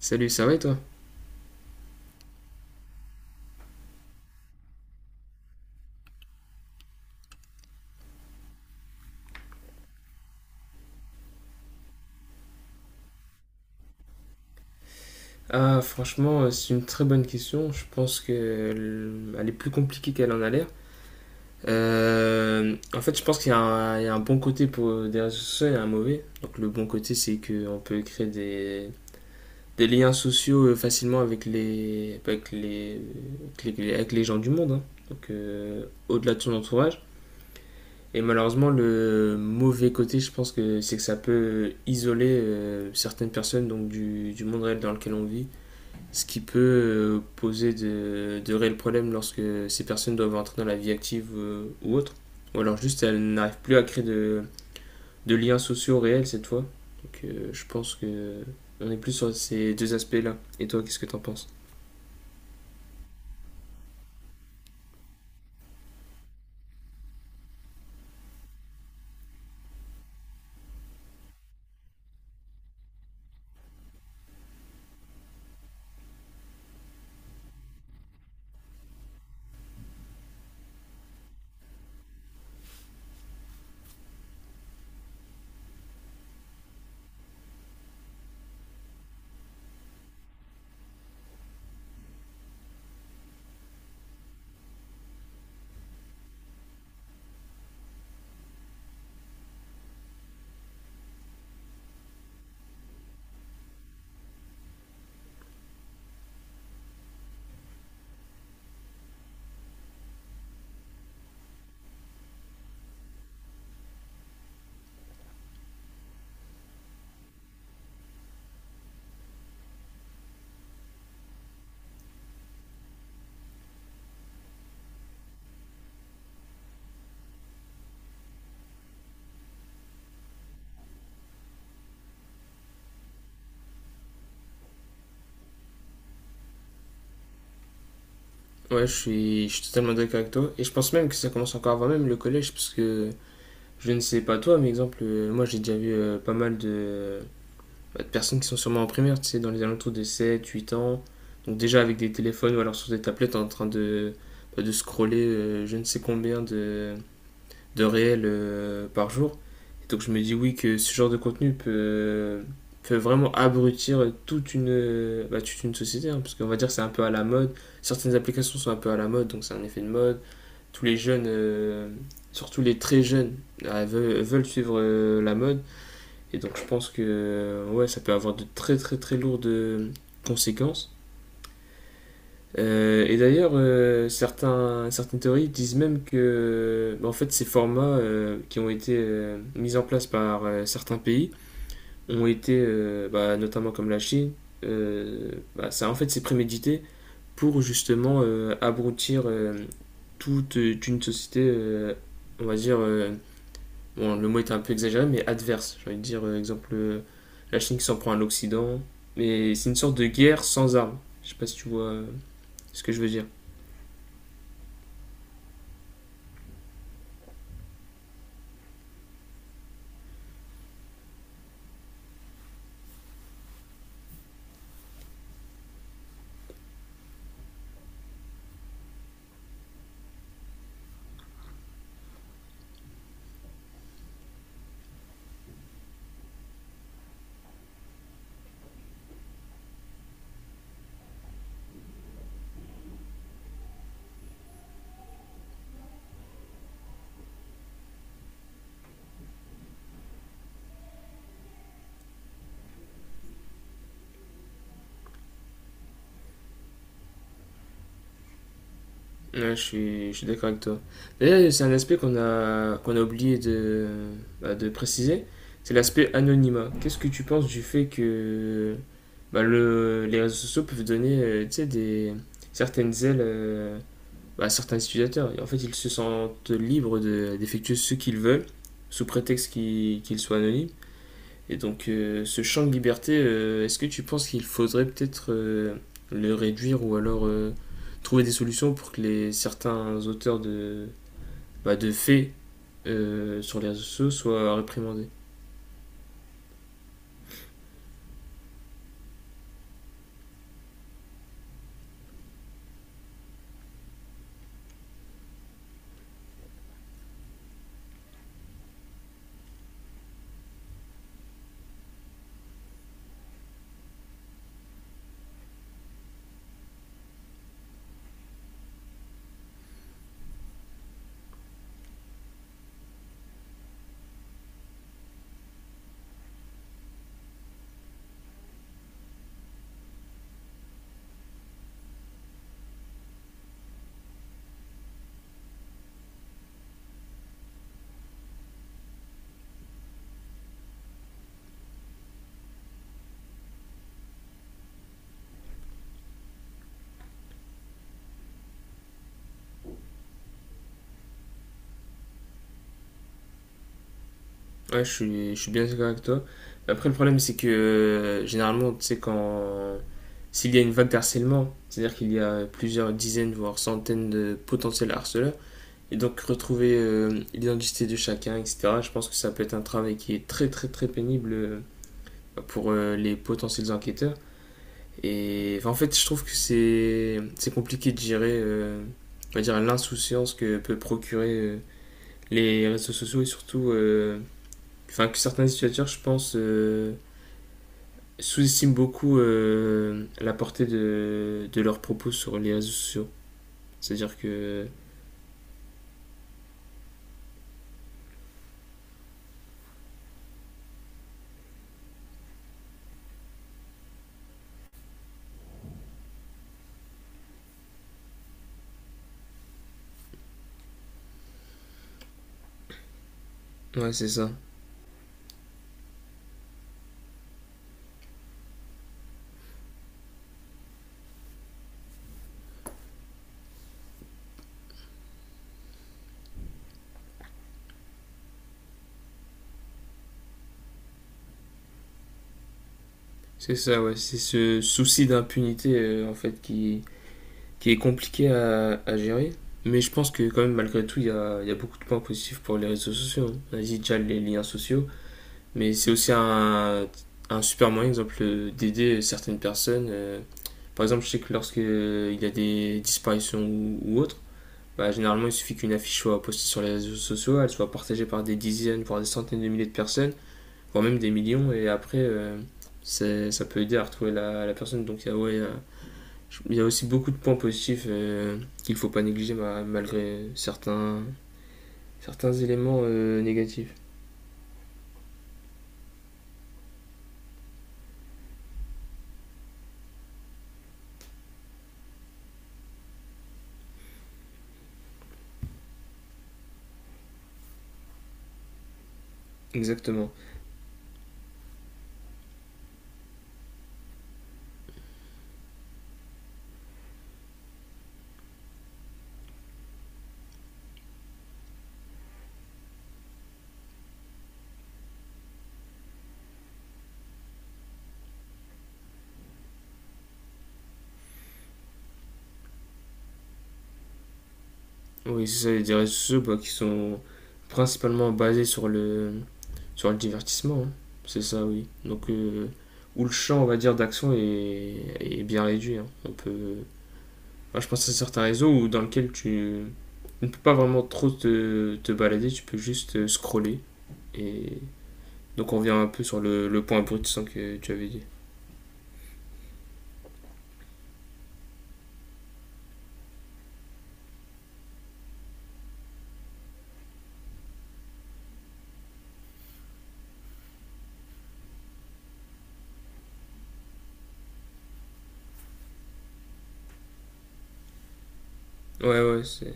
Salut, ça va et toi? Ah, franchement, c'est une très bonne question. Je pense qu'elle elle est plus compliquée qu'elle en a l'air. En fait, je pense qu'il y a un, il y a un bon côté pour des réseaux sociaux et un mauvais. Donc, le bon côté, c'est qu'on peut créer des liens sociaux facilement avec les gens du monde, hein. Donc, au-delà de son entourage. Et malheureusement, le mauvais côté, je pense que c'est que ça peut isoler certaines personnes donc du monde réel dans lequel on vit, ce qui peut poser de réels problèmes lorsque ces personnes doivent entrer dans la vie active ou autre. Ou alors juste elles n'arrivent plus à créer de liens sociaux réels cette fois. Donc, je pense que on est plus sur ces deux aspects-là. Et toi, qu'est-ce que t'en penses? Ouais, je suis totalement d'accord avec toi. Et je pense même que ça commence encore avant même le collège, parce que je ne sais pas toi, mais exemple, moi j'ai déjà vu pas mal de personnes qui sont sûrement en primaire, tu sais, dans les alentours de 7, 8 ans. Donc déjà avec des téléphones ou alors sur des tablettes en train de scroller je ne sais combien de réels par jour. Et donc je me dis oui que ce genre de contenu peut, peut vraiment abrutir toute toute une société, hein, parce qu'on va dire que c'est un peu à la mode. Certaines applications sont un peu à la mode, donc c'est un effet de mode. Tous les jeunes, surtout les très jeunes, veulent suivre la mode. Et donc je pense que ouais, ça peut avoir de très très très lourdes conséquences. Et d'ailleurs, certaines théories disent même que bah, en fait, ces formats qui ont été mis en place par certains pays ont été, notamment comme la Chine, euh, ça en fait c'est prémédité pour justement abrutir toute une société, on va dire, bon, le mot est un peu exagéré, mais adverse. J'ai envie de dire, exemple, la Chine qui s'en prend à l'Occident. Mais c'est une sorte de guerre sans armes. Je sais pas si tu vois ce que je veux dire. Ouais, je suis d'accord avec toi. D'ailleurs, c'est un aspect qu'on a oublié de préciser. C'est l'aspect anonymat. Qu'est-ce que tu penses du fait que bah, les réseaux sociaux peuvent donner tu sais, certaines ailes à certains utilisateurs. En fait, ils se sentent libres de- d'effectuer ce qu'ils veulent, sous prétexte qu'ils soient anonymes. Et donc, ce champ de liberté, est-ce que tu penses qu'il faudrait peut-être le réduire ou alors trouver des solutions pour que certains auteurs de faits sur les réseaux sociaux soient réprimandés? Ouais, je suis bien d'accord avec toi. Après, le problème, c'est que généralement, tu sais, quand, s'il y a une vague d'harcèlement, c'est-à-dire qu'il y a plusieurs dizaines, voire centaines de potentiels harceleurs, et donc retrouver l'identité de chacun, etc., je pense que ça peut être un travail qui est très, très, très pénible pour les potentiels enquêteurs. Et enfin, en fait, je trouve que c'est compliqué de gérer, on va dire, l'insouciance que peut procurer les réseaux sociaux et surtout, enfin, que certains utilisateurs, je pense, sous-estiment beaucoup la portée de leurs propos sur les réseaux sociaux. C'est-à-dire que. Ouais, c'est ça. C'est ça, ouais. C'est ce souci d'impunité, en fait, qui est compliqué à gérer. Mais je pense que, quand même, malgré tout, il y a beaucoup de points positifs pour les réseaux sociaux, hein. On a dit déjà les liens sociaux. Mais c'est aussi un super moyen, exemple, d'aider certaines personnes. Euh, par exemple, je sais que lorsque il y a des disparitions ou autres, bah, généralement, il suffit qu'une affiche soit postée sur les réseaux sociaux, elle soit partagée par des dizaines, voire des centaines de milliers de personnes, voire même des millions, et après, ça peut aider à retrouver la personne. Donc, il y a- ouais, y y a aussi beaucoup de points positifs qu'il ne faut pas négliger malgré certains éléments négatifs. Exactement. Oui, c'est ça, les réseaux sociaux bah, qui sont principalement basés sur le divertissement, hein. C'est ça, oui. Donc, où le champ, on va dire, est bien réduit, hein. On peut, enfin, je pense à certains réseaux dans lesquels tu ne peux pas vraiment trop te balader, tu peux juste scroller. Et donc, on revient un peu sur le point brut sans que tu avais dit. Ouais, ouais, c'est.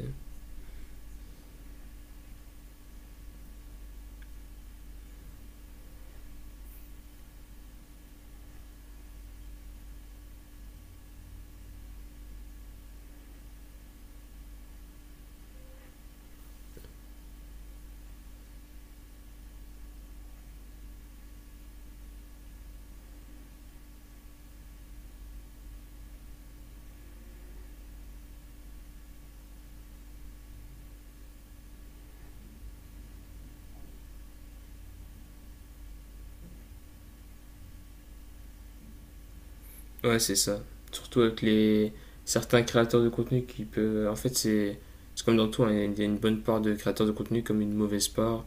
Ouais, c'est ça. Surtout avec les certains créateurs de contenu qui peuvent. En fait, c'est comme dans tout, hein, il y a une bonne part de créateurs de contenu comme une mauvaise part.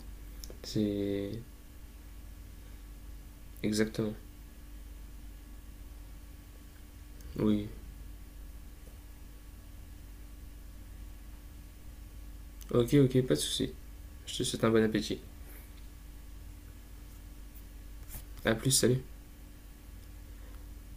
C'est exactement. Oui. Ok, ok, pas de souci. Je te souhaite un bon appétit. À plus, salut.